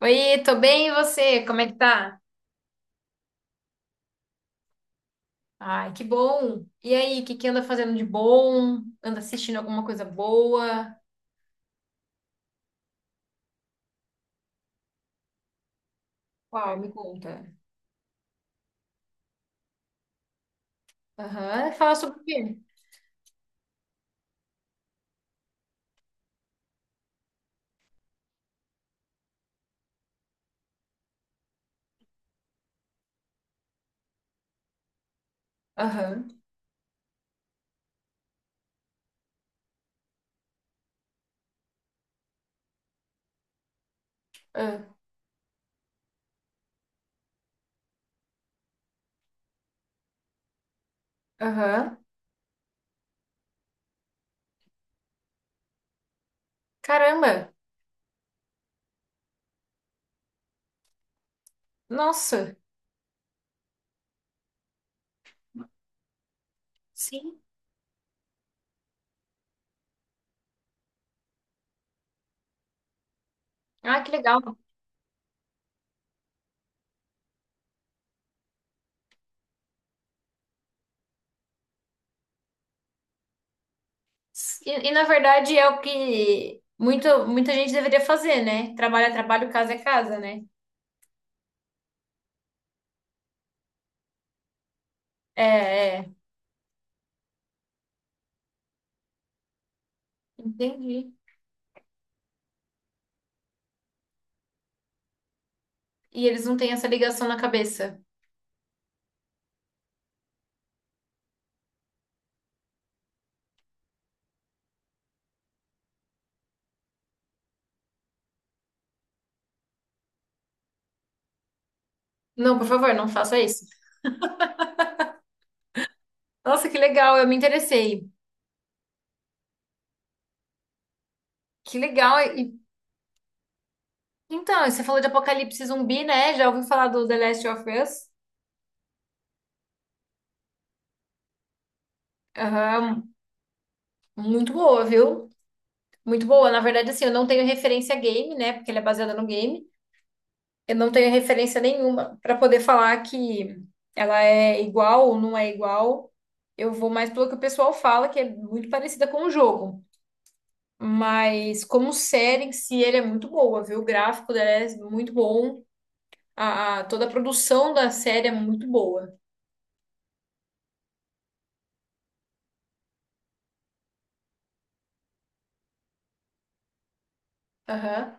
Oi, tô bem, e você? Como é que tá? Ai, que bom! E aí, o que que anda fazendo de bom? Anda assistindo alguma coisa boa? Uau, me conta. Aham, fala sobre o quê? Aham, ah, aham. Caramba! Nossa! Sim. Ah, que legal! E na verdade é o que muito, muita gente deveria fazer, né? Trabalho é trabalho, casa é casa, né? É, é. Entendi. E eles não têm essa ligação na cabeça. Não, por favor, não faça isso. Nossa, que legal, eu me interessei. Que legal. E, então, você falou de Apocalipse Zumbi, né? Já ouviu falar do The Last of Us? Aham, muito boa, viu? Muito boa. Na verdade, assim, eu não tenho referência a game, né? Porque ele é baseado no game. Eu não tenho referência nenhuma para poder falar que ela é igual ou não é igual. Eu vou mais pelo que o pessoal fala, que é muito parecida com o jogo. Mas como série em si, ele é muito boa, viu? O gráfico dela é muito bom. A, a- toda a produção da série é muito boa. Aham,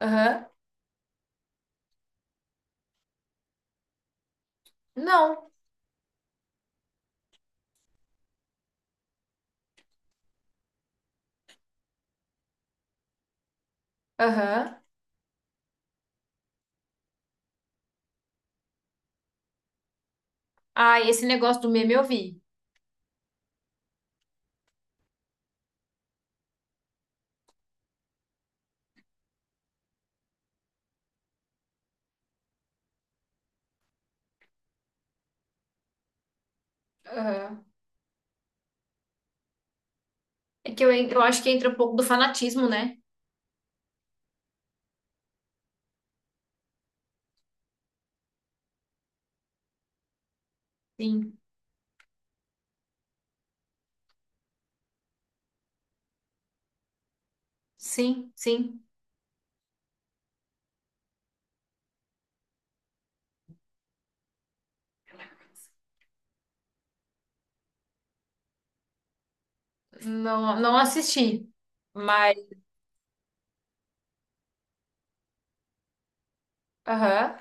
aham. Não. Aham, ah, e esse negócio do meme eu vi. Aham. É que eu, en- eu acho que entra um pouco do fanatismo, né? Sim, sim, sim. Não, não assisti, mas aham.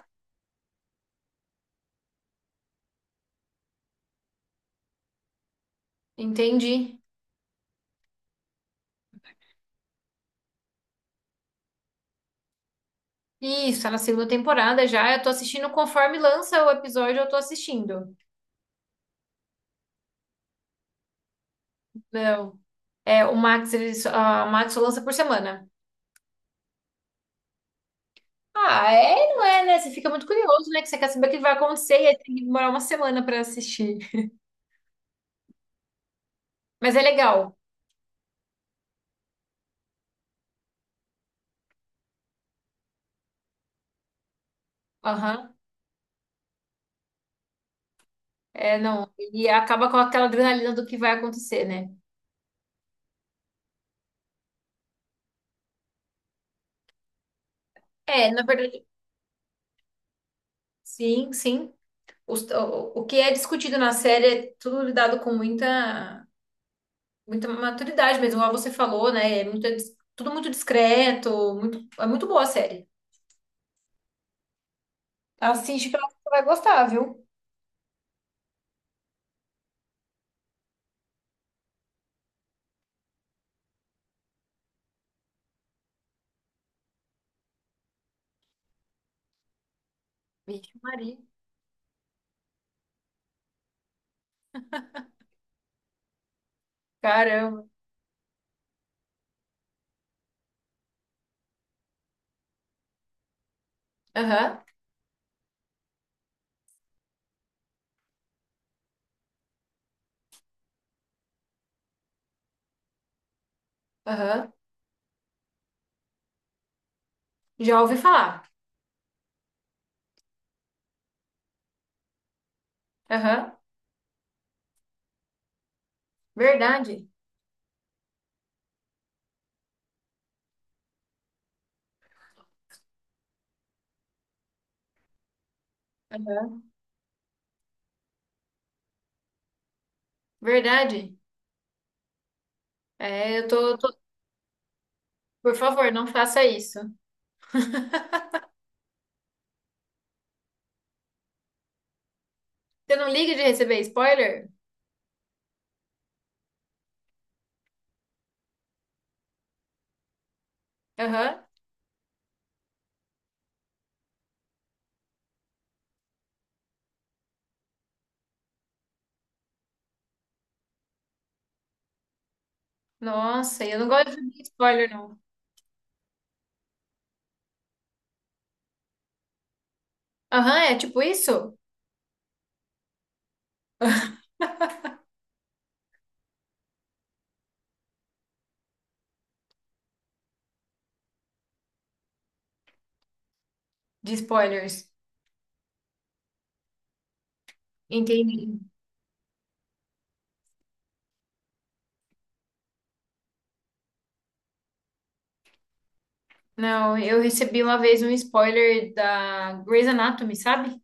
Entendi. Isso, tá na segunda temporada já. Eu tô assistindo conforme lança o episódio, eu tô assistindo. Não. É, o Max, ele, só- a Max só lança por semana. Ah, é, e não é, né? Você fica muito curioso, né? Que você quer saber o que vai acontecer e aí tem que demorar uma semana pra assistir. Mas é legal. Aham. É, não. E acaba com aquela adrenalina do que vai acontecer, né? É, na verdade, sim, sim. Os- o que é discutido na série é tudo lidado com muita, muita maturidade mesmo, como você falou, né? É muito, dis- tudo muito discreto, muito, é muito boa a série. Assiste que eu acho que você vai gostar, viu? Vixe, Maria. Caramba. Aham, aham. Já ouvi falar. Aham, verdade. Aham, verdade. É, eu tô, tô- Por favor, não faça isso. Você não liga de receber spoiler? Aham. Nossa, eu não gosto de spoiler, não. Aham, é tipo isso? De spoilers. Entendi. Não, eu recebi uma vez um spoiler da Grey's Anatomy, sabe?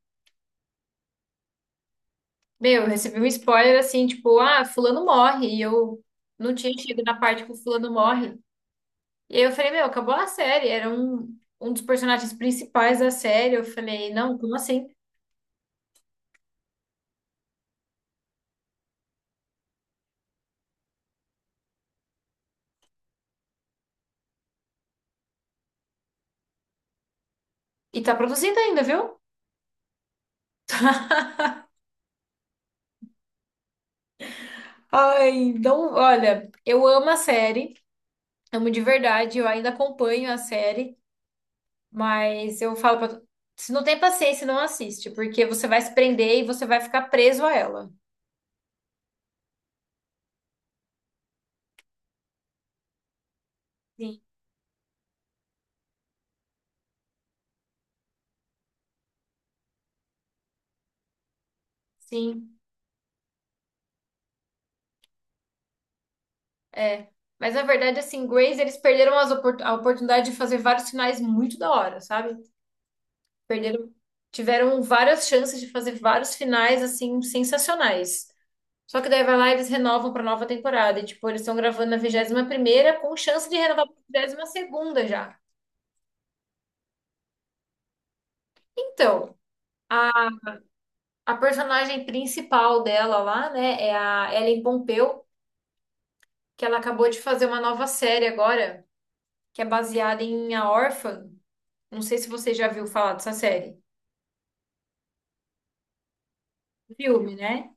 Meu, eu recebi um spoiler assim, tipo, ah, fulano morre. E eu não tinha chegado na parte que o fulano morre. E aí eu falei, meu, acabou a série. Era um, um dos personagens principais da série. Eu falei, não, como assim? E tá produzindo ainda, viu? Ai, então, olha, eu amo a série, amo de verdade, eu ainda acompanho a série, mas eu falo pra tu, se não tem paciência, não assiste, porque você vai se prender e você vai ficar preso a ela. Sim, sim, é. Mas na verdade, assim, Grace, eles perderam as opor- a oportunidade de fazer vários finais muito da hora, sabe? Perderam, tiveram várias chances de fazer vários finais assim sensacionais. Só que daí vai lá e eles renovam para nova temporada. E, tipo, eles estão gravando na vigésima primeira com chance de renovar para vigésima segunda já. Então, a, a personagem principal dela lá, né, é a Ellen Pompeu, que ela acabou de fazer uma nova série agora, que é baseada em A Órfã. Não sei se você já viu falar dessa série. Filme, né?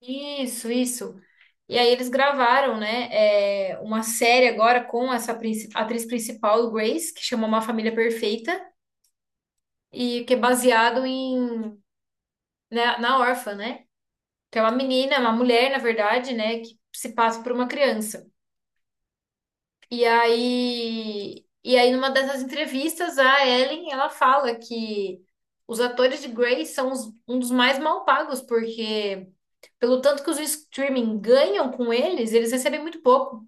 Isso, isso. E aí eles gravaram, né, é, uma série agora com essa princi- atriz principal, Grace, que chama Uma Família Perfeita, e que é baseado em, né, na órfã, né? Que é uma menina, uma mulher, na verdade, né, que se passa por uma criança. E aí numa dessas entrevistas, a Ellen, ela fala que os atores de Grace são os- um dos mais mal pagos, porque pelo tanto que os streaming ganham com eles, eles recebem muito pouco.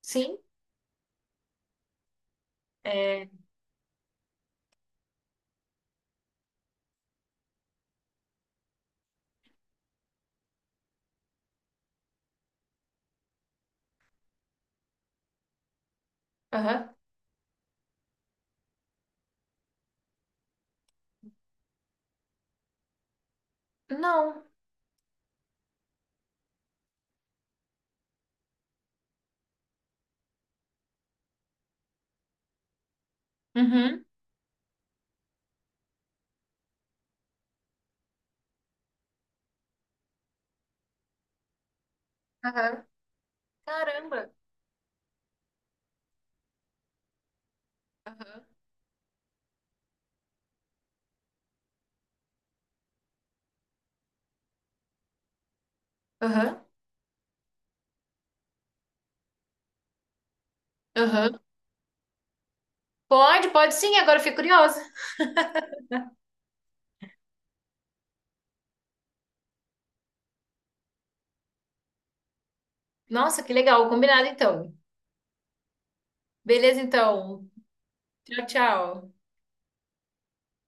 Sim? É. Aham. Não. Uhum. Aham. Caramba. Aham. Aham. Aham. Pode, pode sim, agora eu fiquei curiosa. Nossa, que legal. Combinado então. Beleza, então. Tchau, tchau.